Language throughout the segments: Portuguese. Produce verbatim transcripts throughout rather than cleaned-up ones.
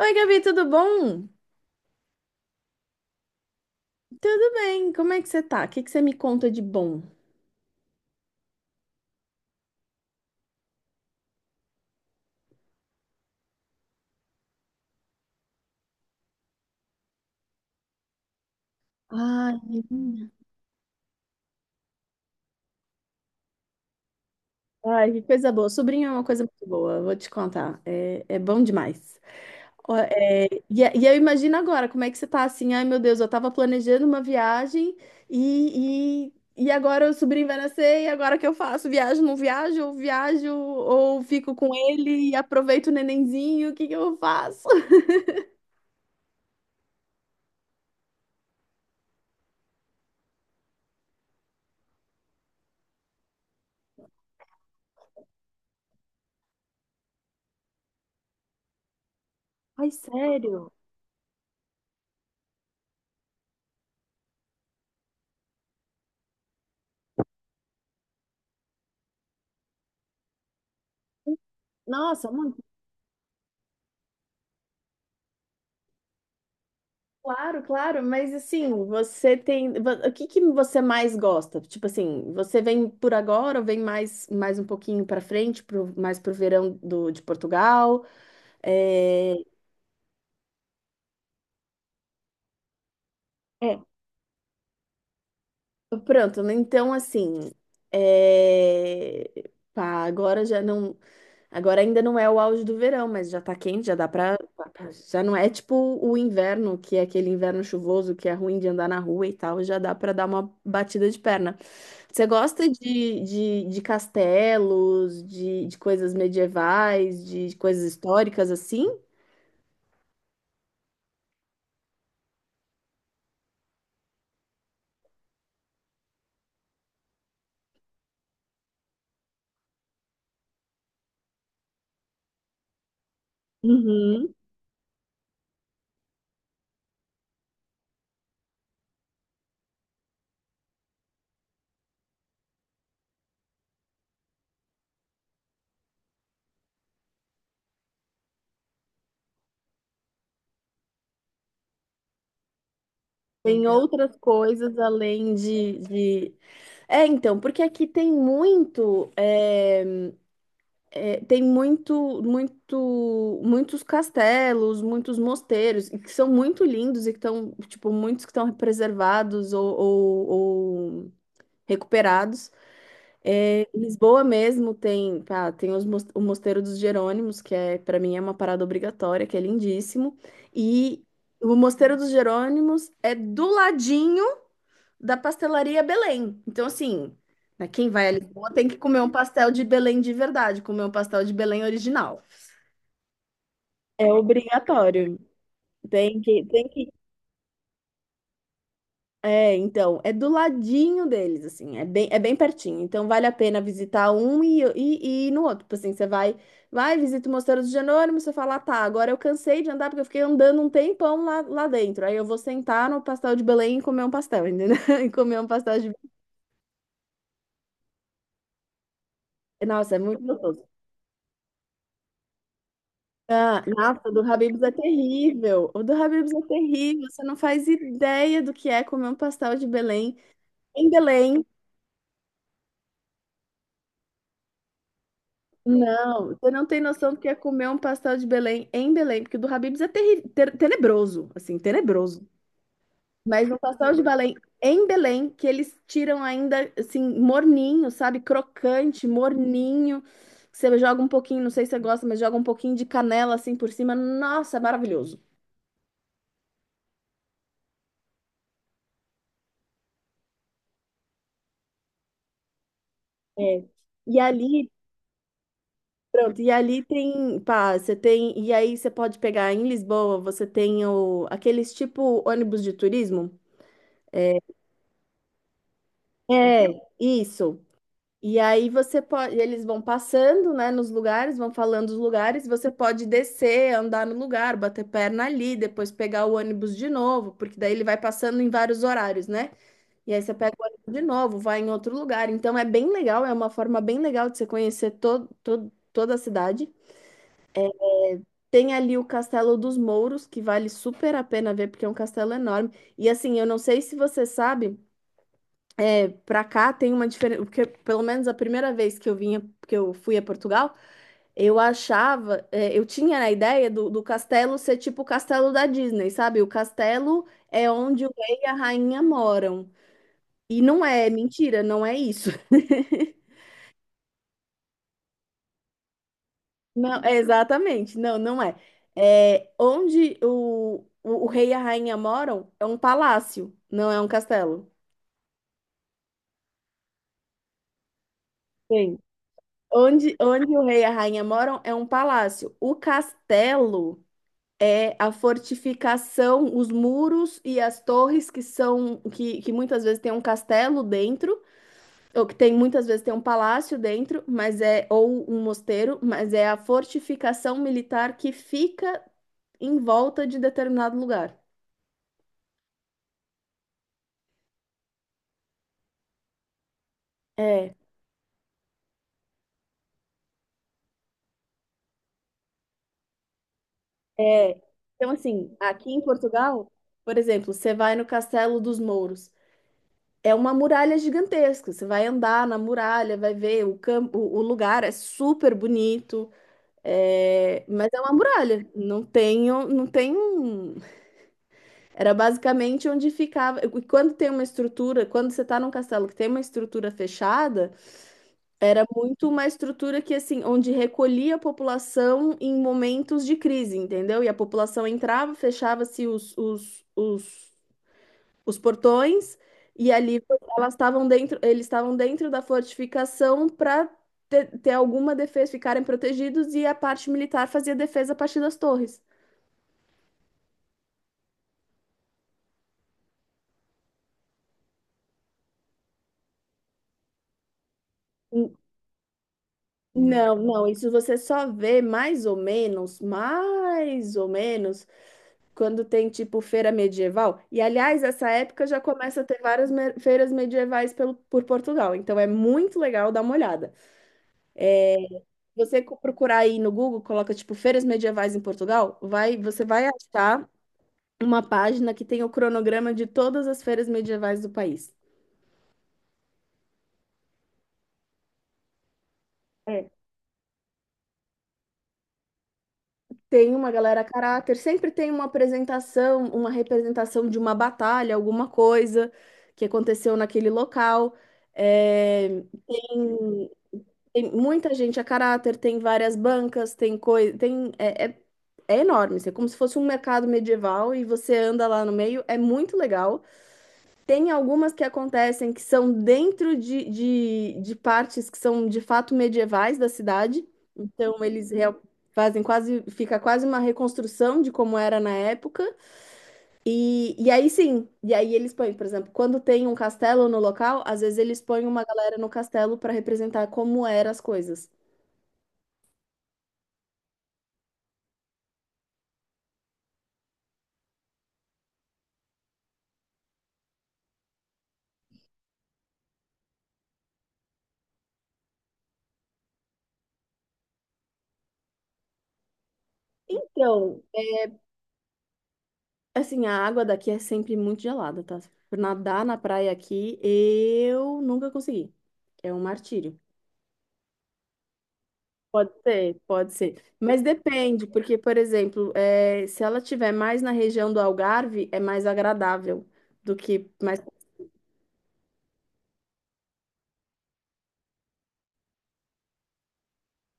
Oi, Gabi, tudo bom? Tudo bem, como é que você tá? O que que você me conta de bom? Ai, menina. Ai, que coisa boa. Sobrinho é uma coisa muito boa, vou te contar. É, é bom demais. Ó, é, e, é, e eu imagino agora como é que você tá assim. Ai, meu Deus, eu tava planejando uma viagem e, e, e agora o sobrinho vai nascer e agora o que eu faço? Viajo, não viajo? Ou viajo ou fico com ele e aproveito o nenenzinho? O que que eu faço? Ai, sério? Nossa, muito Claro, claro, mas assim, você tem, vo- o que que você mais gosta? Tipo assim, você vem por agora ou vem mais mais um pouquinho para frente, pro, mais pro verão do, de Portugal? É, é, pronto, né? Então assim, é, pá, agora já não, agora ainda não é o auge do verão, mas já tá quente, já dá pra. Já não é tipo o inverno, que é aquele inverno chuvoso que é ruim de andar na rua e tal, já dá pra dar uma batida de perna. Você gosta de, de, de castelos, de, de coisas medievais, de coisas históricas assim? Uhum. Tem outras coisas além de, de... É, então, porque aqui tem muito. É, é, tem muito, muito, muitos castelos, muitos mosteiros, e que são muito lindos e que estão, tipo, muitos que estão preservados ou, ou- ou recuperados. É, em Lisboa mesmo tem, pá, tem os mos- o Mosteiro dos Jerônimos, que é, para mim é uma parada obrigatória, que é lindíssimo. E o Mosteiro dos Jerônimos é do ladinho da pastelaria Belém. Então, assim, né, quem vai a Lisboa tem que comer um pastel de Belém de verdade, comer um pastel de Belém original. É obrigatório. Tem que, tem que. É, então, é do ladinho deles, assim, é bem, é bem pertinho. Então, vale a pena visitar um e, e, e ir no outro. Tipo assim, você vai, vai, visita o Mosteiro dos Jerônimos, você fala, "Ah, tá, agora eu cansei de andar porque eu fiquei andando um tempão lá, lá dentro." Aí eu vou sentar no pastel de Belém e comer um pastel, entendeu? E comer um pastel de. Nossa, é muito gostoso. Ah, nossa, o do Habib's é terrível. O do Habib's é terrível. Você não faz ideia do que é comer um pastel de Belém em Belém. Não, você não tem noção do que é comer um pastel de Belém em Belém, porque o do Habib's é terrível, tenebroso, assim, tenebroso. Mas um pastel de Belém em Belém, que eles tiram ainda, assim, morninho, sabe? Crocante, morninho. Você joga um pouquinho, não sei se você gosta, mas joga um pouquinho de canela, assim, por cima. Nossa, é maravilhoso. É. E ali Pronto, e ali tem, pá, você tem, e aí você pode pegar em Lisboa, você tem o, aqueles tipo ônibus de turismo. É, isso. E aí você pode, eles vão passando, né, nos lugares, vão falando os lugares, você pode descer, andar no lugar, bater perna ali, depois pegar o ônibus de novo, porque daí ele vai passando em vários horários, né? E aí você pega o ônibus de novo, vai em outro lugar. Então é bem legal, é uma forma bem legal de você conhecer todo, todo, toda a cidade. Tem ali o Castelo dos Mouros, que vale super a pena ver, porque é um castelo enorme. E assim, eu não sei se você sabe, é, pra cá tem uma diferença, porque pelo menos a primeira vez que eu vinha, que eu fui a Portugal, eu achava, é, eu tinha a ideia do, do castelo ser tipo o castelo da Disney, sabe? O castelo é onde o rei e a rainha moram. E não é, é mentira, não é isso. Não, é exatamente. Não, não é. É onde o, o, o rei e a rainha moram é um palácio, não é um castelo. Sim. Onde, onde o rei e a rainha moram é um palácio. O castelo é a fortificação, os muros e as torres que são que, que muitas vezes tem um castelo dentro, ou que tem muitas vezes tem um palácio dentro, mas é ou um mosteiro, mas é a fortificação militar que fica em volta de determinado lugar. É, é. Então, assim, aqui em Portugal, por exemplo, você vai no Castelo dos Mouros. É uma muralha gigantesca. Você vai andar na muralha, vai ver o campo, o lugar é super bonito. é, Mas é uma muralha. Não tem, um- não tem um. Era basicamente onde ficava. E quando tem uma estrutura, quando você está num castelo que tem uma estrutura fechada era muito uma estrutura que, assim, onde recolhia a população em momentos de crise, entendeu? E a população entrava, fechava-se os, os, os, os portões, e ali elas estavam dentro, eles estavam dentro da fortificação para ter, ter alguma defesa, ficarem protegidos, e a parte militar fazia defesa a partir das torres. N- Não, não, isso você só vê mais ou menos, mais ou menos. Quando tem tipo feira medieval. E aliás, essa época já começa a ter várias me- feiras medievais pelo, por Portugal. Então é muito legal dar uma olhada. Você co- procurar aí no Google, coloca tipo feiras medievais em Portugal, vai, você vai achar uma página que tem o cronograma de todas as feiras medievais do país. Tem uma galera a caráter, sempre tem uma apresentação, uma representação de uma batalha, alguma coisa que aconteceu naquele local. É, tem, tem muita gente a caráter, tem várias bancas, tem coisa, tem, é, é, é enorme, assim, é como se fosse um mercado medieval e você anda lá no meio, é muito legal. Tem algumas que acontecem que são dentro de, de, de partes que são de fato medievais da cidade. Então eles real- fazem quase, fica quase uma reconstrução de como era na época. E, e aí sim, e aí eles põem, por exemplo, quando tem um castelo no local, às vezes eles põem uma galera no castelo para representar como eram as coisas. Então, é- assim, a água daqui é sempre muito gelada, tá? Por Nadar na praia aqui, eu nunca consegui. É um martírio. Pode ser, pode ser. Mas depende, porque, por exemplo, eh, se ela tiver mais na região do Algarve, é mais agradável do que mais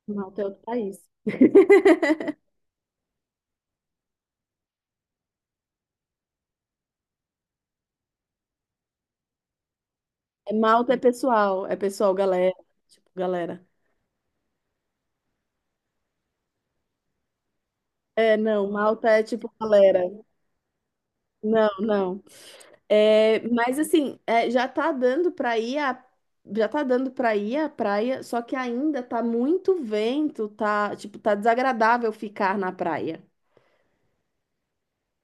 Malta é outro país. É, Malta é pessoal, é pessoal, galera. Tipo, galera. É, não, Malta é tipo galera. Não, não. É, mas assim, é, já tá dando pra ir a, já tá dando para ir à praia, só que ainda tá muito vento, tá, tipo, tá desagradável ficar na praia.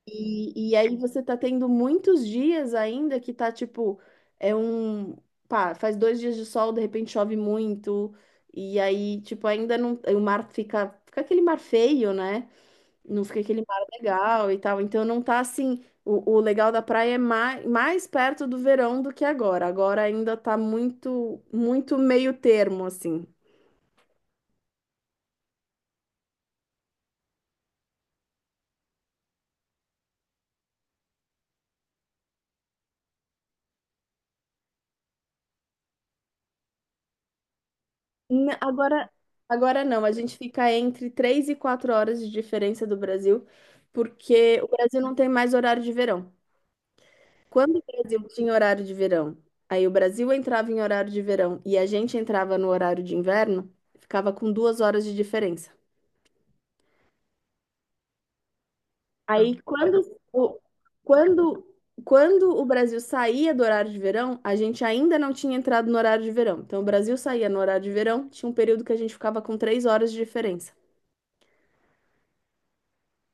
E, e aí você tá tendo muitos dias ainda que tá tipo, é um, pá, faz dois dias de sol, de repente chove muito, e aí, tipo, ainda não, o mar fica, fica aquele mar feio, né? Não fica aquele mar legal e tal. Então não tá assim, o, o legal da praia é mais, mais, perto do verão do que agora. Agora ainda tá muito, muito meio termo, assim. N- Agora, agora não, a gente fica entre três e quatro horas de diferença do Brasil, porque o Brasil não tem mais horário de verão. Quando o Brasil tinha horário de verão, aí o Brasil entrava em horário de verão e a gente entrava no horário de inverno, ficava com duas horas de diferença. Aí quando o, quando, quando o Brasil saía do horário de verão, a gente ainda não tinha entrado no horário de verão. Então o Brasil saía no horário de verão, tinha um período que a gente ficava com três horas de diferença.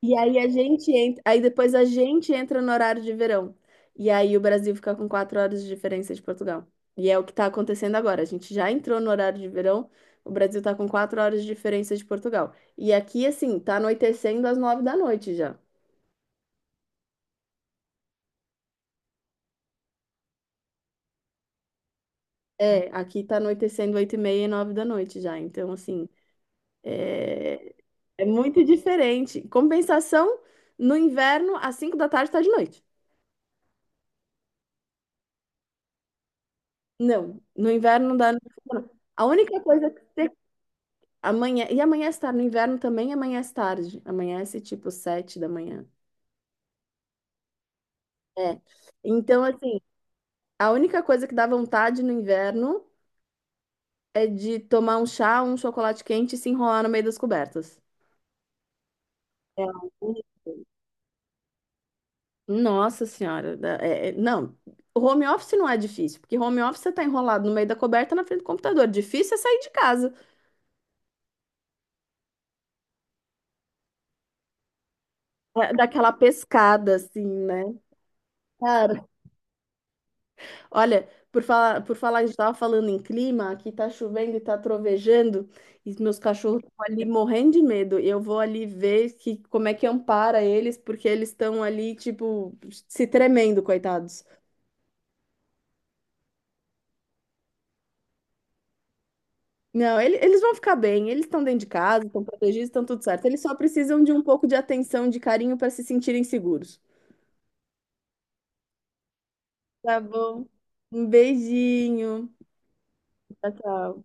E aí a gente entra, aí depois a gente entra no horário de verão. E aí o Brasil fica com quatro horas de diferença de Portugal. E é o que está acontecendo agora. A gente já entrou no horário de verão, o Brasil está com quatro horas de diferença de Portugal. E aqui, assim, tá anoitecendo às nove da noite já. É, aqui tá anoitecendo oito e meia e nove da noite já. Então, assim, é, é muito diferente. Compensação, no inverno, às cinco da tarde tá de noite. Não, no inverno não dá. A única coisa que você. Amanhã, e amanhece tarde, no inverno também amanhece tarde. Amanhece tipo sete da manhã. É. Então, assim, a única coisa que dá vontade no inverno é de tomar um chá, um chocolate quente e se enrolar no meio das cobertas. É. A única coisa. Nossa senhora, da- é- é- não, o home office não é difícil, porque home office você tá enrolado no meio da coberta na frente do computador. Difícil é sair de casa. É, daquela pescada assim, né? Cara, olha, por falar, por falar, a gente estava falando em clima, aqui tá chovendo e tá trovejando, e os meus cachorros estão ali morrendo de medo. Eu vou ali ver que, como é que ampara eles, porque eles estão ali, tipo, se tremendo, coitados. Não, ele- eles vão ficar bem, eles estão dentro de casa, estão protegidos, estão tudo certo. Eles só precisam de um pouco de atenção, de carinho para se sentirem seguros. Tá bom. Um beijinho. Tchau, tchau.